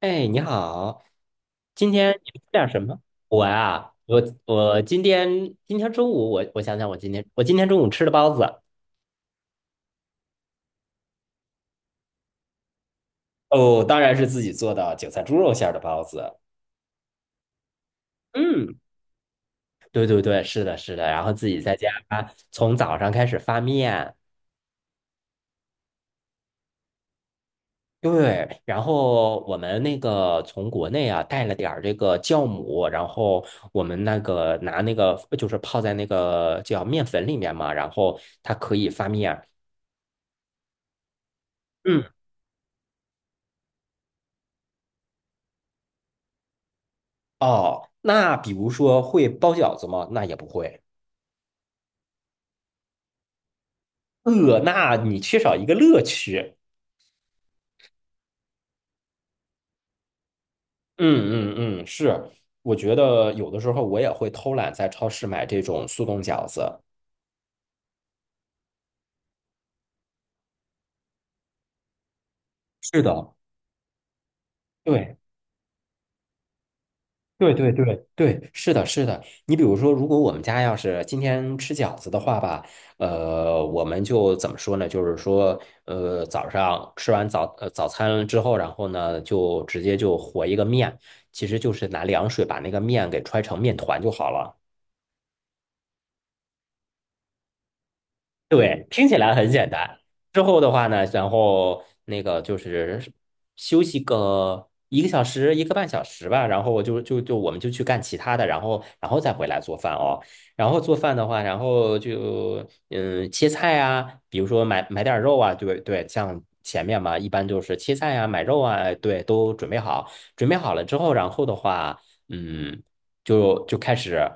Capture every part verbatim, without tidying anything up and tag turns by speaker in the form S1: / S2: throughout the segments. S1: 哎，你好，今天你们吃点什么？我啊，我我今天今天中午我我想想，我今天我今天中午吃的包子。哦，当然是自己做的韭菜猪肉馅儿的包子。嗯，对对对，是的，是的，然后自己在家从早上开始发面。对，然后我们那个从国内啊带了点儿这个酵母，然后我们那个拿那个就是泡在那个叫面粉里面嘛，然后它可以发面。嗯。哦，那比如说会包饺子吗？那也不会。呃，那你缺少一个乐趣。嗯嗯嗯，是。我觉得有的时候我也会偷懒，在超市买这种速冻饺子。是的，对。对对对对，是的，是的。你比如说，如果我们家要是今天吃饺子的话吧，呃，我们就怎么说呢？就是说，呃，早上吃完早呃早餐之后，然后呢，就直接就和一个面，其实就是拿凉水把那个面给揣成面团就好了。对，听起来很简单。之后的话呢，然后那个就是休息个一个小时、一个半小时吧，然后就就就我们就去干其他的，然后然后再回来做饭哦。然后做饭的话，然后就嗯切菜啊，比如说买买点肉啊，对对，像前面嘛，一般就是切菜啊、买肉啊，哎对，都准备好。准备好了之后，然后的话，嗯，就就开始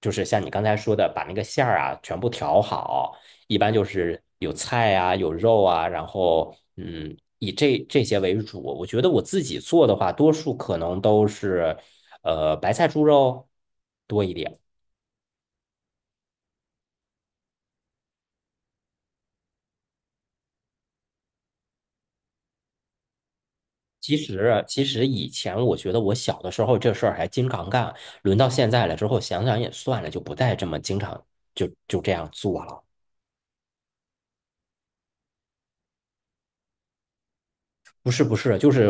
S1: 就是像你刚才说的，把那个馅儿啊全部调好。一般就是有菜啊，有肉啊，然后嗯，以这这些为主。我觉得我自己做的话，多数可能都是呃白菜猪肉多一点。其实，其实以前我觉得我小的时候这事儿还经常干，轮到现在了之后，想想也算了，就不再这么经常就就这样做了。不是不是，就是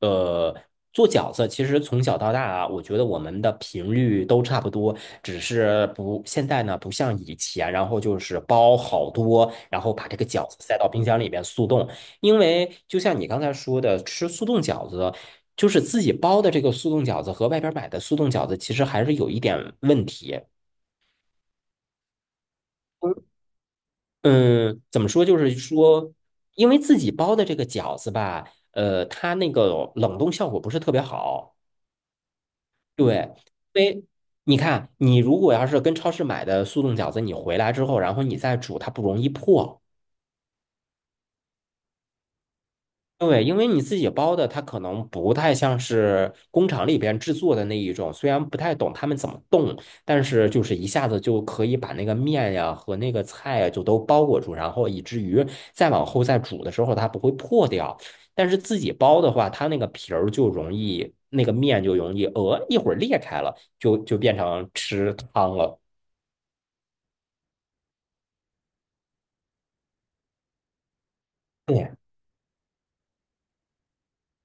S1: 呃，做饺子其实从小到大啊，我觉得我们的频率都差不多，只是不现在呢不像以前，然后就是包好多，然后把这个饺子塞到冰箱里边速冻。因为就像你刚才说的，吃速冻饺子，就是自己包的这个速冻饺子和外边买的速冻饺子，其实还是有一点问题。嗯，怎么说？就是说，因为自己包的这个饺子吧，呃，它那个冷冻效果不是特别好。对，因为你看，你如果要是跟超市买的速冻饺子，你回来之后，然后你再煮，它不容易破。对，因为你自己包的，它可能不太像是工厂里边制作的那一种，虽然不太懂他们怎么冻，但是就是一下子就可以把那个面呀和那个菜呀就都包裹住，然后以至于再往后再煮的时候它不会破掉。但是自己包的话，它那个皮儿就容易，那个面就容易，呃，一会儿裂开了，就就变成吃汤了。对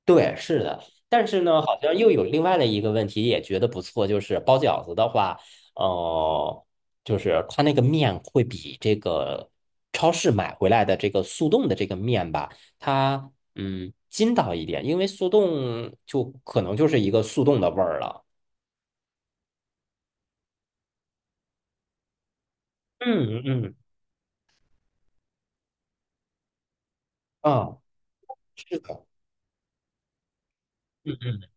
S1: 对，是的，但是呢，好像又有另外的一个问题，也觉得不错，就是包饺子的话，呃，就是它那个面会比这个超市买回来的这个速冻的这个面吧，它嗯筋道一点，因为速冻就可能就是一个速冻的味儿了。嗯嗯，啊，是的，嗯嗯。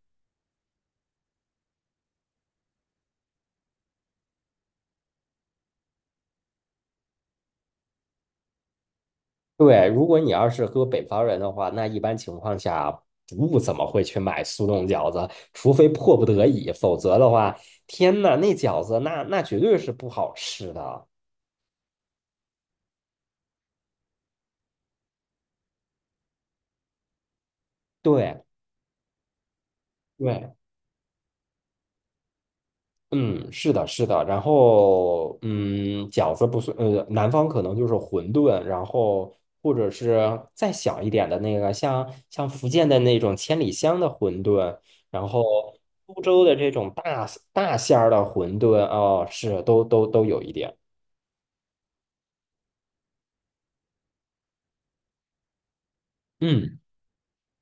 S1: 对，如果你要是搁北方人的话，那一般情况下不怎么会去买速冻饺子，除非迫不得已，否则的话，天呐，那饺子那那绝对是不好吃的。对对。嗯，是的，是的。然后，嗯，饺子不算，呃，南方可能就是馄饨，然后或者是再小一点的那个，像像福建的那种千里香的馄饨，然后苏州的这种大大馅儿的馄饨，哦，是都都都有一点。嗯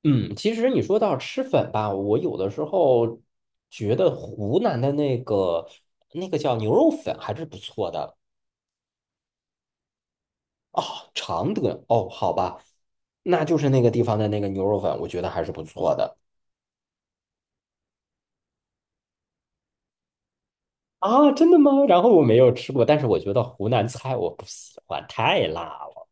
S1: 嗯，其实你说到吃粉吧，我有的时候觉得湖南的那个那个叫牛肉粉还是不错的。哦，常德哦，好吧，那就是那个地方的那个牛肉粉，我觉得还是不错的啊，真的吗？然后我没有吃过，但是我觉得湖南菜我不喜欢，太辣了。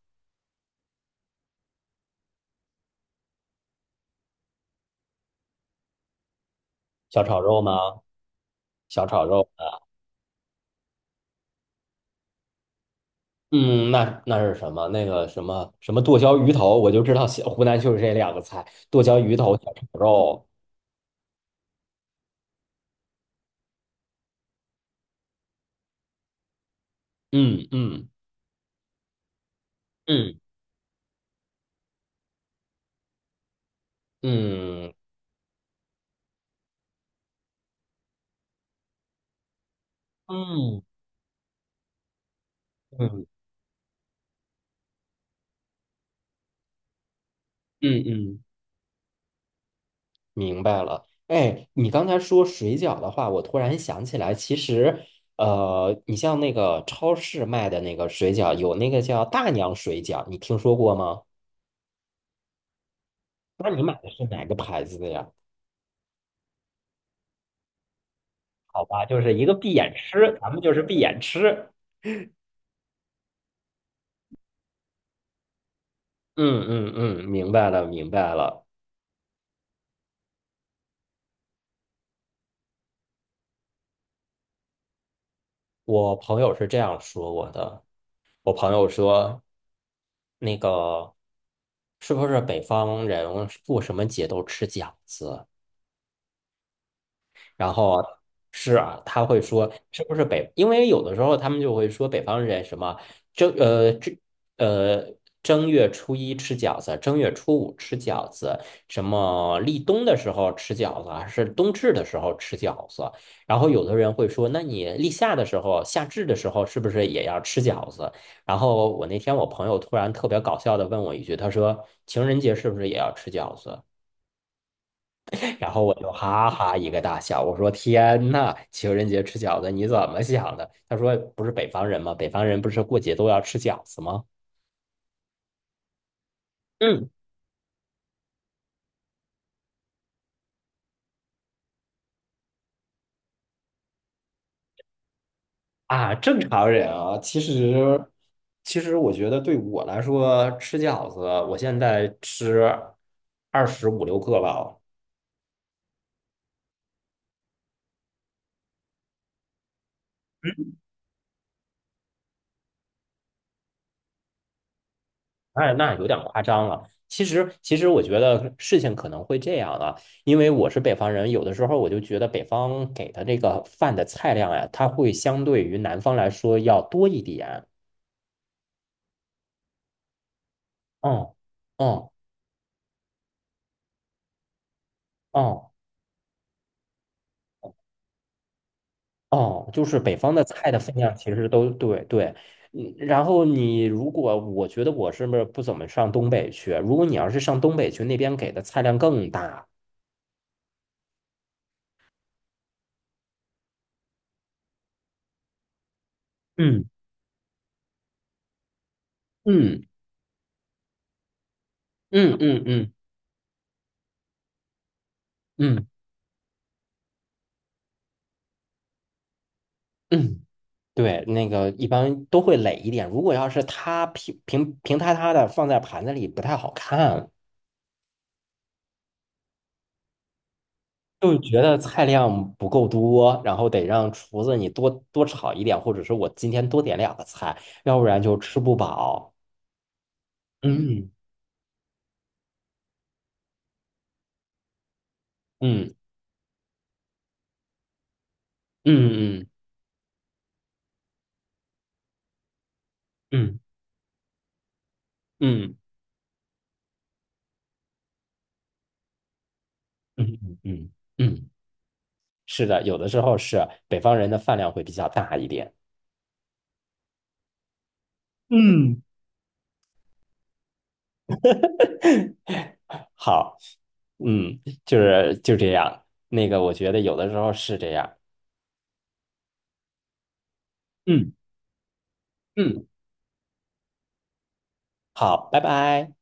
S1: 小炒肉吗？小炒肉，嗯，那那是什么？那个什么什么剁椒鱼头，我就知道西湖南就是这两个菜，剁椒鱼头、小炒肉。嗯嗯嗯嗯嗯嗯嗯嗯。嗯，明白了，哎，你刚才说水饺的话，我突然想起来，其实，呃，你像那个超市卖的那个水饺，有那个叫大娘水饺，你听说过吗？那你买的是哪个牌子的呀？好吧，就是一个闭眼吃，咱们就是闭眼吃。嗯嗯嗯，明白了明白了。我朋友是这样说我的，我朋友说，那个是不是北方人过什么节都吃饺子？然后是啊，他会说是不是北？因为有的时候他们就会说北方人什么正呃正呃正月初一吃饺子，正月初五吃饺子，什么立冬的时候吃饺子，还是冬至的时候吃饺子。然后有的人会说，那你立夏的时候、夏至的时候是不是也要吃饺子？然后我那天我朋友突然特别搞笑的问我一句，他说情人节是不是也要吃饺子？然后我就哈哈一个大笑，我说："天呐，情人节吃饺子你怎么想的？"他说："不是北方人吗？北方人不是过节都要吃饺子吗？"嗯啊，正常人啊，其实其实我觉得对我来说，吃饺子，我现在吃二十五六个吧。哎，那有点夸张了。其实，其实我觉得事情可能会这样啊，因为我是北方人，有的时候我就觉得北方给的这个饭的菜量呀，它会相对于南方来说要多一点。哦，哦，哦，哦，就是北方的菜的分量其实都对对。嗯，然后你如果我觉得我是不是不怎么上东北去？如果你要是上东北去，那边给的菜量更大。嗯嗯嗯嗯嗯嗯嗯。嗯，对，那个一般都会垒一点。如果要是它平平平塌塌的放在盘子里，不太好看，就觉得菜量不够多，然后得让厨子你多多炒一点，或者是我今天多点两个菜，要不然就吃不饱。嗯嗯嗯嗯嗯嗯嗯嗯嗯，嗯，是的，有的时候是北方人的饭量会比较大一点。嗯，好，嗯，就是就这样。那个，我觉得有的时候是这样。嗯。嗯，好，拜拜。